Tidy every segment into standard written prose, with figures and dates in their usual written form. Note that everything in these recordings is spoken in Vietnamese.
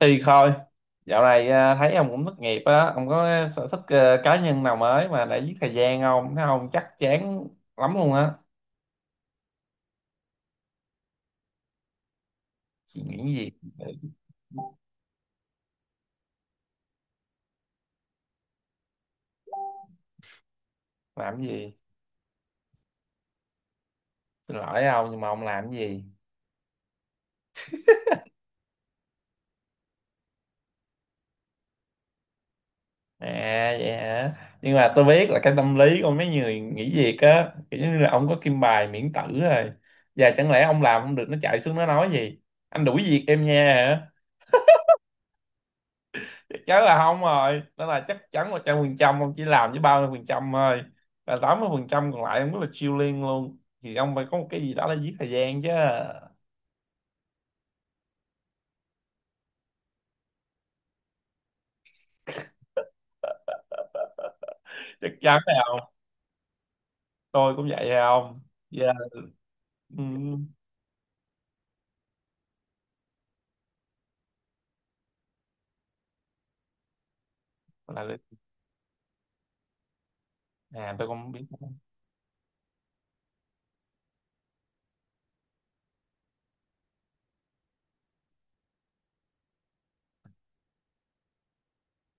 Thì thôi, dạo này thấy ông cũng thất nghiệp á, ông có sở thích cá nhân nào mới mà để giết thời gian không? Thấy ông chắc chán lắm luôn á. Suy nghĩ cái gì? Làm cái gì? Xin lỗi ông nhưng mà ông làm cái gì? À vậy hả? Nhưng mà tôi biết là cái tâm lý của mấy người nghỉ việc á, kiểu như là ông có kim bài miễn tử rồi. Và chẳng lẽ ông làm không được nó chạy xuống nó nói gì? Anh đuổi việc em nha, chắc chắn là không rồi, đó là chắc chắn 100%. Ông chỉ làm với 30% thôi và 80% còn lại ông rất là chill liên luôn, thì ông phải có một cái gì đó để giết thời gian chứ. Chắc chắn là không. Tôi cũng vậy à ông. Dạ. Ừ. Là được. À tôi cũng biết.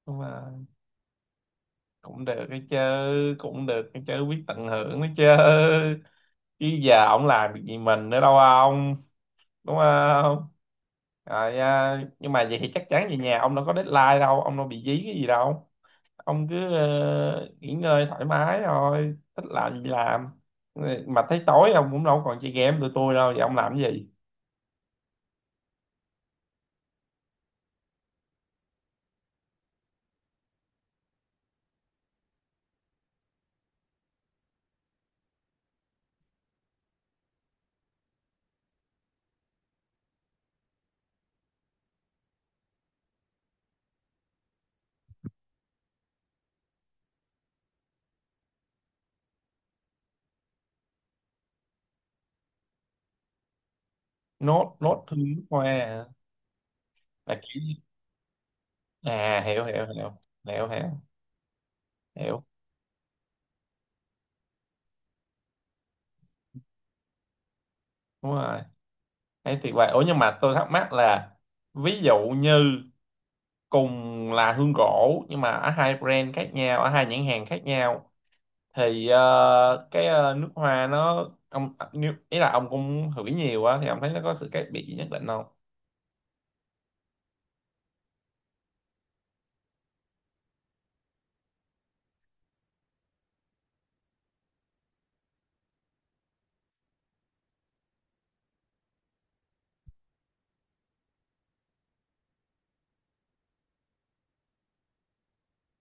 Nhưng mà cũng được cái chứ, cũng được cái chứ biết tận hưởng cái chứ. Chứ giờ ông làm việc gì mình nữa đâu ông, đúng không? Rồi nhưng mà vậy thì chắc chắn về nhà ông đâu có deadline đâu, ông đâu bị dí cái gì đâu. Ông cứ nghỉ ngơi thoải mái thôi, thích làm gì làm. Mà thấy tối ông cũng đâu còn chơi game tụi tôi đâu, vậy ông làm cái gì? Nốt nốt thư nước hoa à? Là kiểu gì? À, hiểu hiểu hiểu. Hiểu hiểu. Hiểu Đúng rồi. Thấy tuyệt vời, ủa nhưng mà tôi thắc mắc là, ví dụ như cùng là hương gỗ nhưng mà ở hai brand khác nhau, ở hai nhãn hàng khác nhau, thì cái nước hoa nó ông ý là ông cũng hửi nhiều á thì ông thấy nó có sự khác biệt gì nhất định không?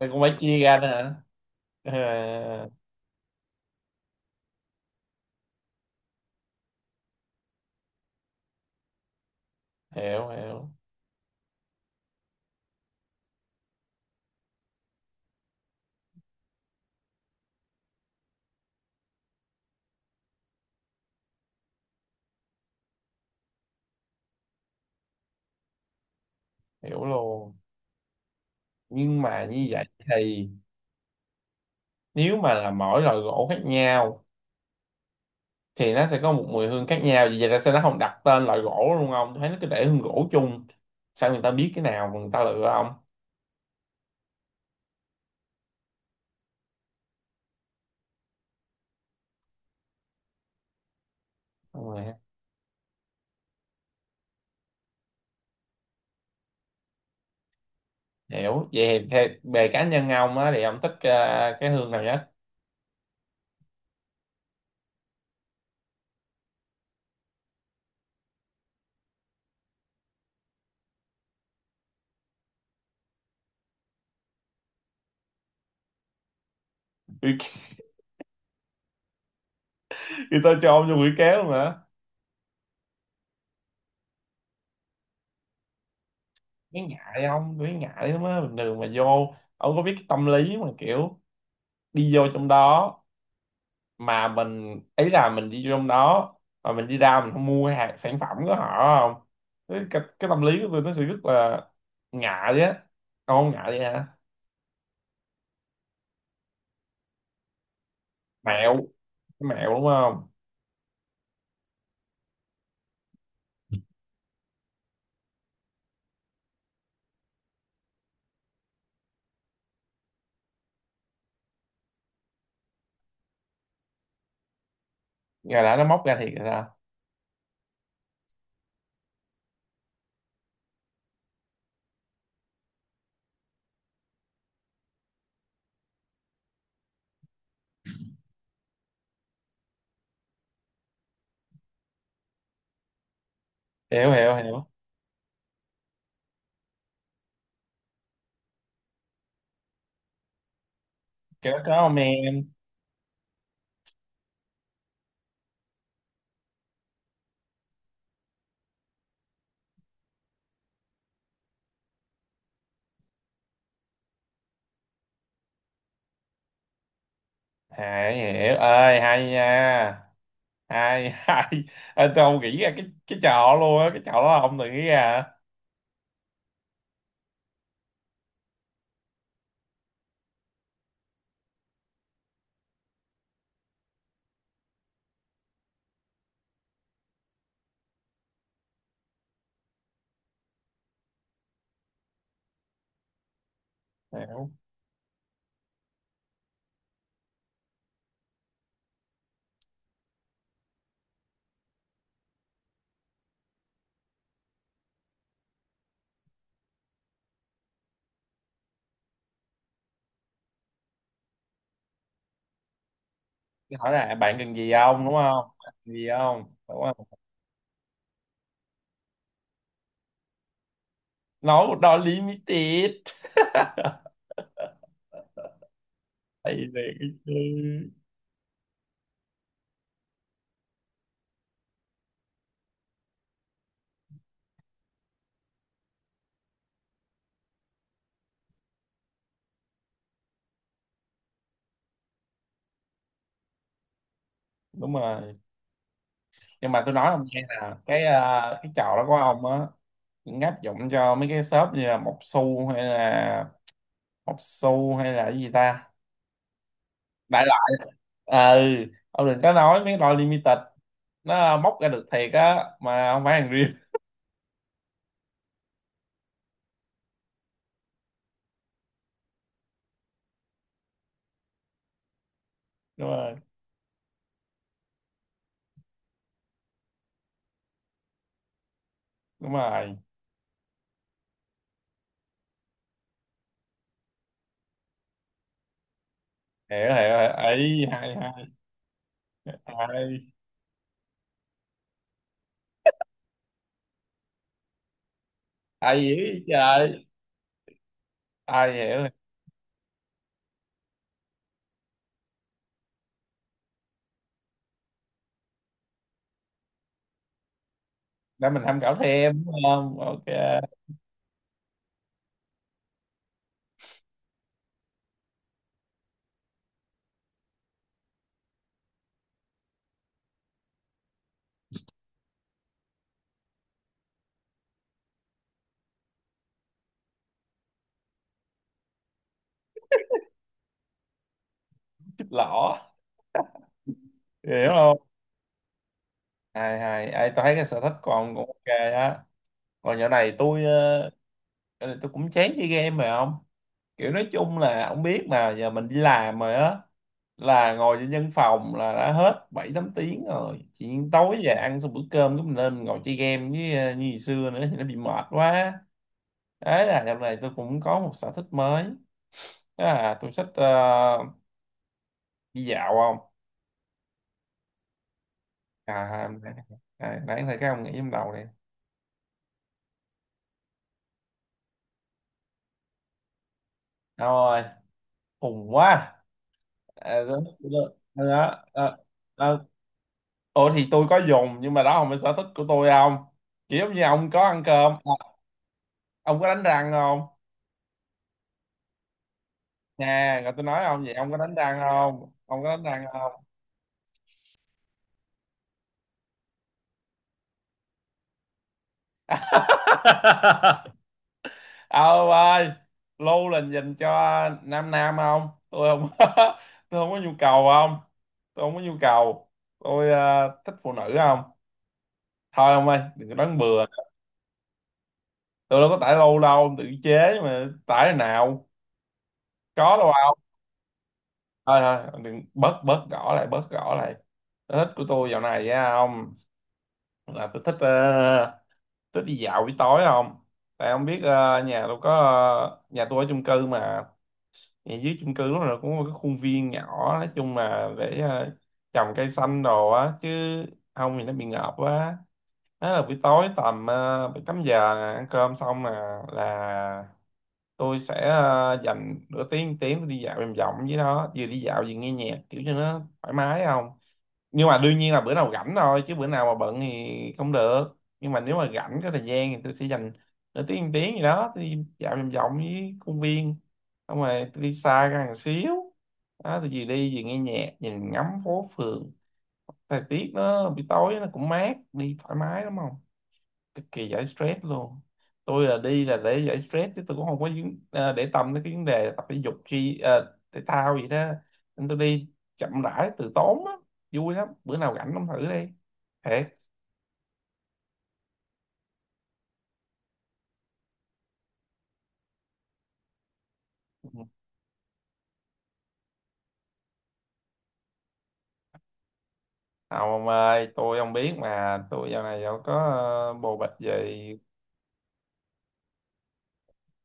Mày cũng phải chia ra nữa hả? Ờ, hiểu hiểu. Hiểu luôn. Nhưng mà như vậy thì nếu mà là mỗi loại gỗ khác nhau thì nó sẽ có một mùi hương khác nhau. Vì vậy tại sao nó không đặt tên loại gỗ luôn không? Tôi thấy nó cứ để hương gỗ chung. Sao người ta biết cái nào mà người ta lựa không? Đúng rồi, ha. Hiểu. Vậy thì theo- về cá nhân ông á thì ông thích cái hương nào nhất? Thì tôi cho ông vô quỷ kéo luôn hả? Cái ngại ông, cái ngại lắm á. Bình thường mà vô, ông có biết cái tâm lý mà kiểu đi vô trong đó, mà mình ý là mình đi trong đó mà mình đi ra mình không mua cái hàng sản phẩm của họ không, cái tâm lý của tôi nó sẽ rất là ngại á. Ông không ngại vậy hả? Mẹo, cái mẹo đúng không? Giờ đã nó móc ra thiệt rồi sao? Hiểu hiểu hiểu. Kiểu đó không em? À, hiểu ơi hay nha. Hay hay. Ê, tôi không nghĩ ra cái trò luôn á, cái trò đó là ông tự nghĩ ra hả? Hiểu. Cái hỏi là bạn cần gì không đúng không? Cần gì không đúng không? Nói một đôi limited. Tại vì thì đúng rồi. Nhưng mà tôi nói ông nghe là cái cái trò đó của ông á cũng áp dụng cho mấy cái shop như là Mộc Xu hay là Mộc Xu hay là cái gì ta, đại loại. Ừ. Ông đừng có nói mấy loại limited, nó móc ra được thiệt á mà không phải hàng riêng. Đúng rồi. Đúng rồi. Hiểu hiểu hiểu. Ấy hay hay hay. Ai hiểu vậy trời, ai hiểu. Để mình tham khảo thêm đúng không, ok. Chích lỏ, hiểu không? Hay hay. Ê, tôi thấy cái sở thích của ông cũng ok á. Còn dạo này tôi dạo này tôi cũng chán chơi game rồi không. Kiểu nói chung là ông biết mà giờ mình đi làm rồi á, là ngồi trên văn phòng là đã hết 7 8 tiếng rồi, chỉ tối về ăn xong bữa cơm cái mình lên mình ngồi chơi game với như ngày xưa nữa thì nó bị mệt quá. Đấy là dạo này tôi cũng có một sở thích mới, đó là tôi thích đi dạo không. À, à nãy thấy các ông nghĩ trong đầu này. Đâu rồi. Khùng quá. À, đúng đúng, rồi đó, đó, đó. Ủa thì tôi có dùng nhưng mà đó không phải sở thích của tôi ông, kiểu giống như ông có ăn cơm ông có đánh răng không. Nè rồi tôi nói ông vậy ông có đánh răng không, ông có đánh răng không? Ông ơi, lưu là dành cho nam nam không, tôi không. Tôi không có nhu cầu không. Tôi không có nhu cầu. Tôi thích phụ nữ không. Thôi ông ơi đừng có đoán bừa. Tôi đâu có tải lâu đâu, tự chế mà tải nào. Có đâu. Thôi thôi đừng, bớt bớt gõ lại, bớt gõ lại. Sở thích của tôi dạo này á ông là tôi thích thích đi dạo buổi tối không. Tại ông biết nhà tôi có nhà tôi ở chung cư mà, nhà dưới chung cư lúc nào cũng có cái khuôn viên nhỏ, nói chung là để trồng cây xanh đồ á chứ không thì nó bị ngợp quá. Đó là buổi tối tầm 7 8 giờ nè, ăn cơm xong nè, là tôi sẽ dành nửa tiếng tiếng tôi đi dạo vòng vòng với nó, vừa đi dạo vừa nghe nhạc kiểu cho nó thoải mái không. Nhưng mà đương nhiên là bữa nào rảnh thôi chứ bữa nào mà bận thì không được, nhưng mà nếu mà rảnh có thời gian thì tôi sẽ dành nửa tiếng một tiếng gì đó tôi đi dạo vòng vòng với công viên, xong rồi tôi đi xa ra một xíu. Đó tôi vừa đi vừa nghe nhạc nhìn ngắm phố phường, thời tiết nó buổi tối nó cũng mát đi thoải mái lắm không, cực kỳ giải stress luôn. Tôi là đi là để giải stress chứ tôi cũng không có để tâm tới cái vấn đề tập thể dục chi, thể thao gì đó, nên tôi đi chậm rãi từ tốn á, vui lắm, bữa nào rảnh ông thử đi thiệt. Ừ. Không ông ơi, tôi không biết mà tôi giờ này đâu có bồ bịch gì.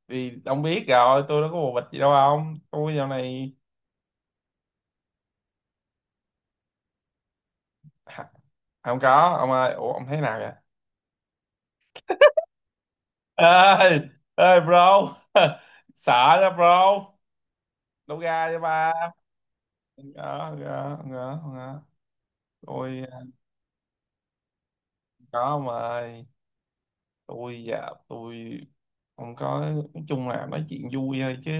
Vì ông biết rồi tôi đâu có bồ bịch gì đâu ông, tôi giờ này không có. Ông ơi ủa ông thấy nào vậy? Ê, ê bro. Sợ đó bro, đâu ra cho ba. Gỡ, gỡ, gỡ, gỡ. Tôi có mà ơi. Tôi dạ, tôi không có, nói chung là nói chuyện vui thôi chứ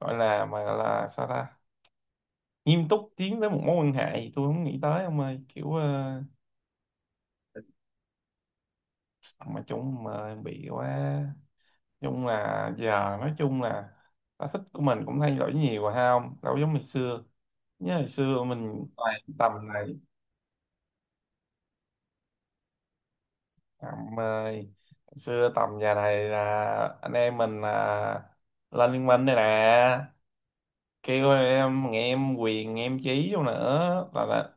gọi là mà là sao ta? Nghiêm túc tiến tới một mối quan hệ thì tôi không nghĩ tới ông ơi. Kiểu mà chung mà bị quá. Nói chung là giờ, nói chung là sở thích của mình cũng thay đổi nhiều rồi ha ông. Đâu giống ngày xưa. Nhớ ngày xưa mình toàn tầm này. Em ơi, xưa tầm giờ này là anh em mình là lên liên minh đây nè, kêu em nghe em quyền nghe em chí vô nữa là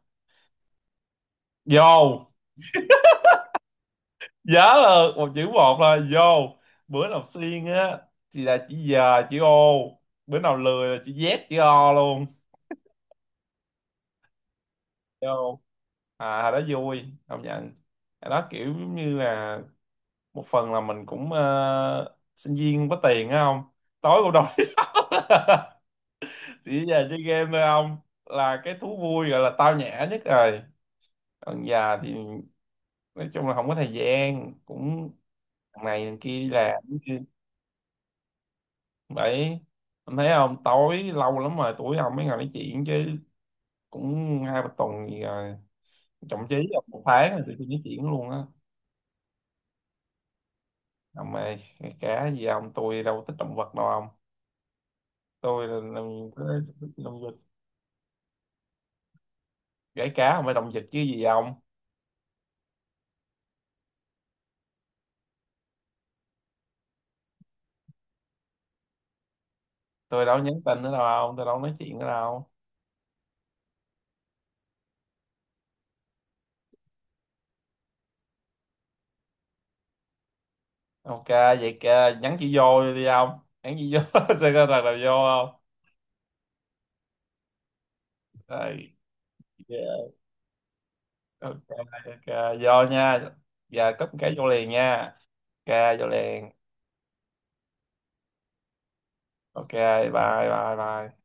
vô. Nhớ là một chữ một là vô, bữa nào xuyên á thì là chữ giờ chữ ô, bữa nào lười là chữ z chữ o luôn. Vô. À hồi đó vui công nhận. Hồi đó kiểu giống như là một phần là mình cũng sinh viên không có tiền á không, tối cũng đâu đi đâu chỉ giờ chơi game thôi ông, là cái thú vui gọi là tao nhã nhất rồi. Còn già thì nói chung là không có thời gian cũng thằng này thằng kia đi làm. Vậy anh thấy không, tối lâu lắm rồi tuổi ông mới ngồi nói chuyện chứ cũng 2 3 tuần gì rồi, thậm chí là một tháng rồi tụi tôi nói chuyện luôn á. Ông ơi cá gì, ông tôi đâu thích động vật đâu ông. Tôi là thích động vật. Gãy cá không phải động vật chứ gì ông. Tôi đâu nhắn tin nữa đâu ông, tôi đâu nói chuyện nữa đâu. Ok vậy kìa, nhắn chị vô đi ông, nhắn chị vô sẽ có thằng nào vô không. Đây, yeah. Ok. Ok. Vô nha. Giờ cấp cái vô liền nha. Ok vô liền. Ok bye bye bye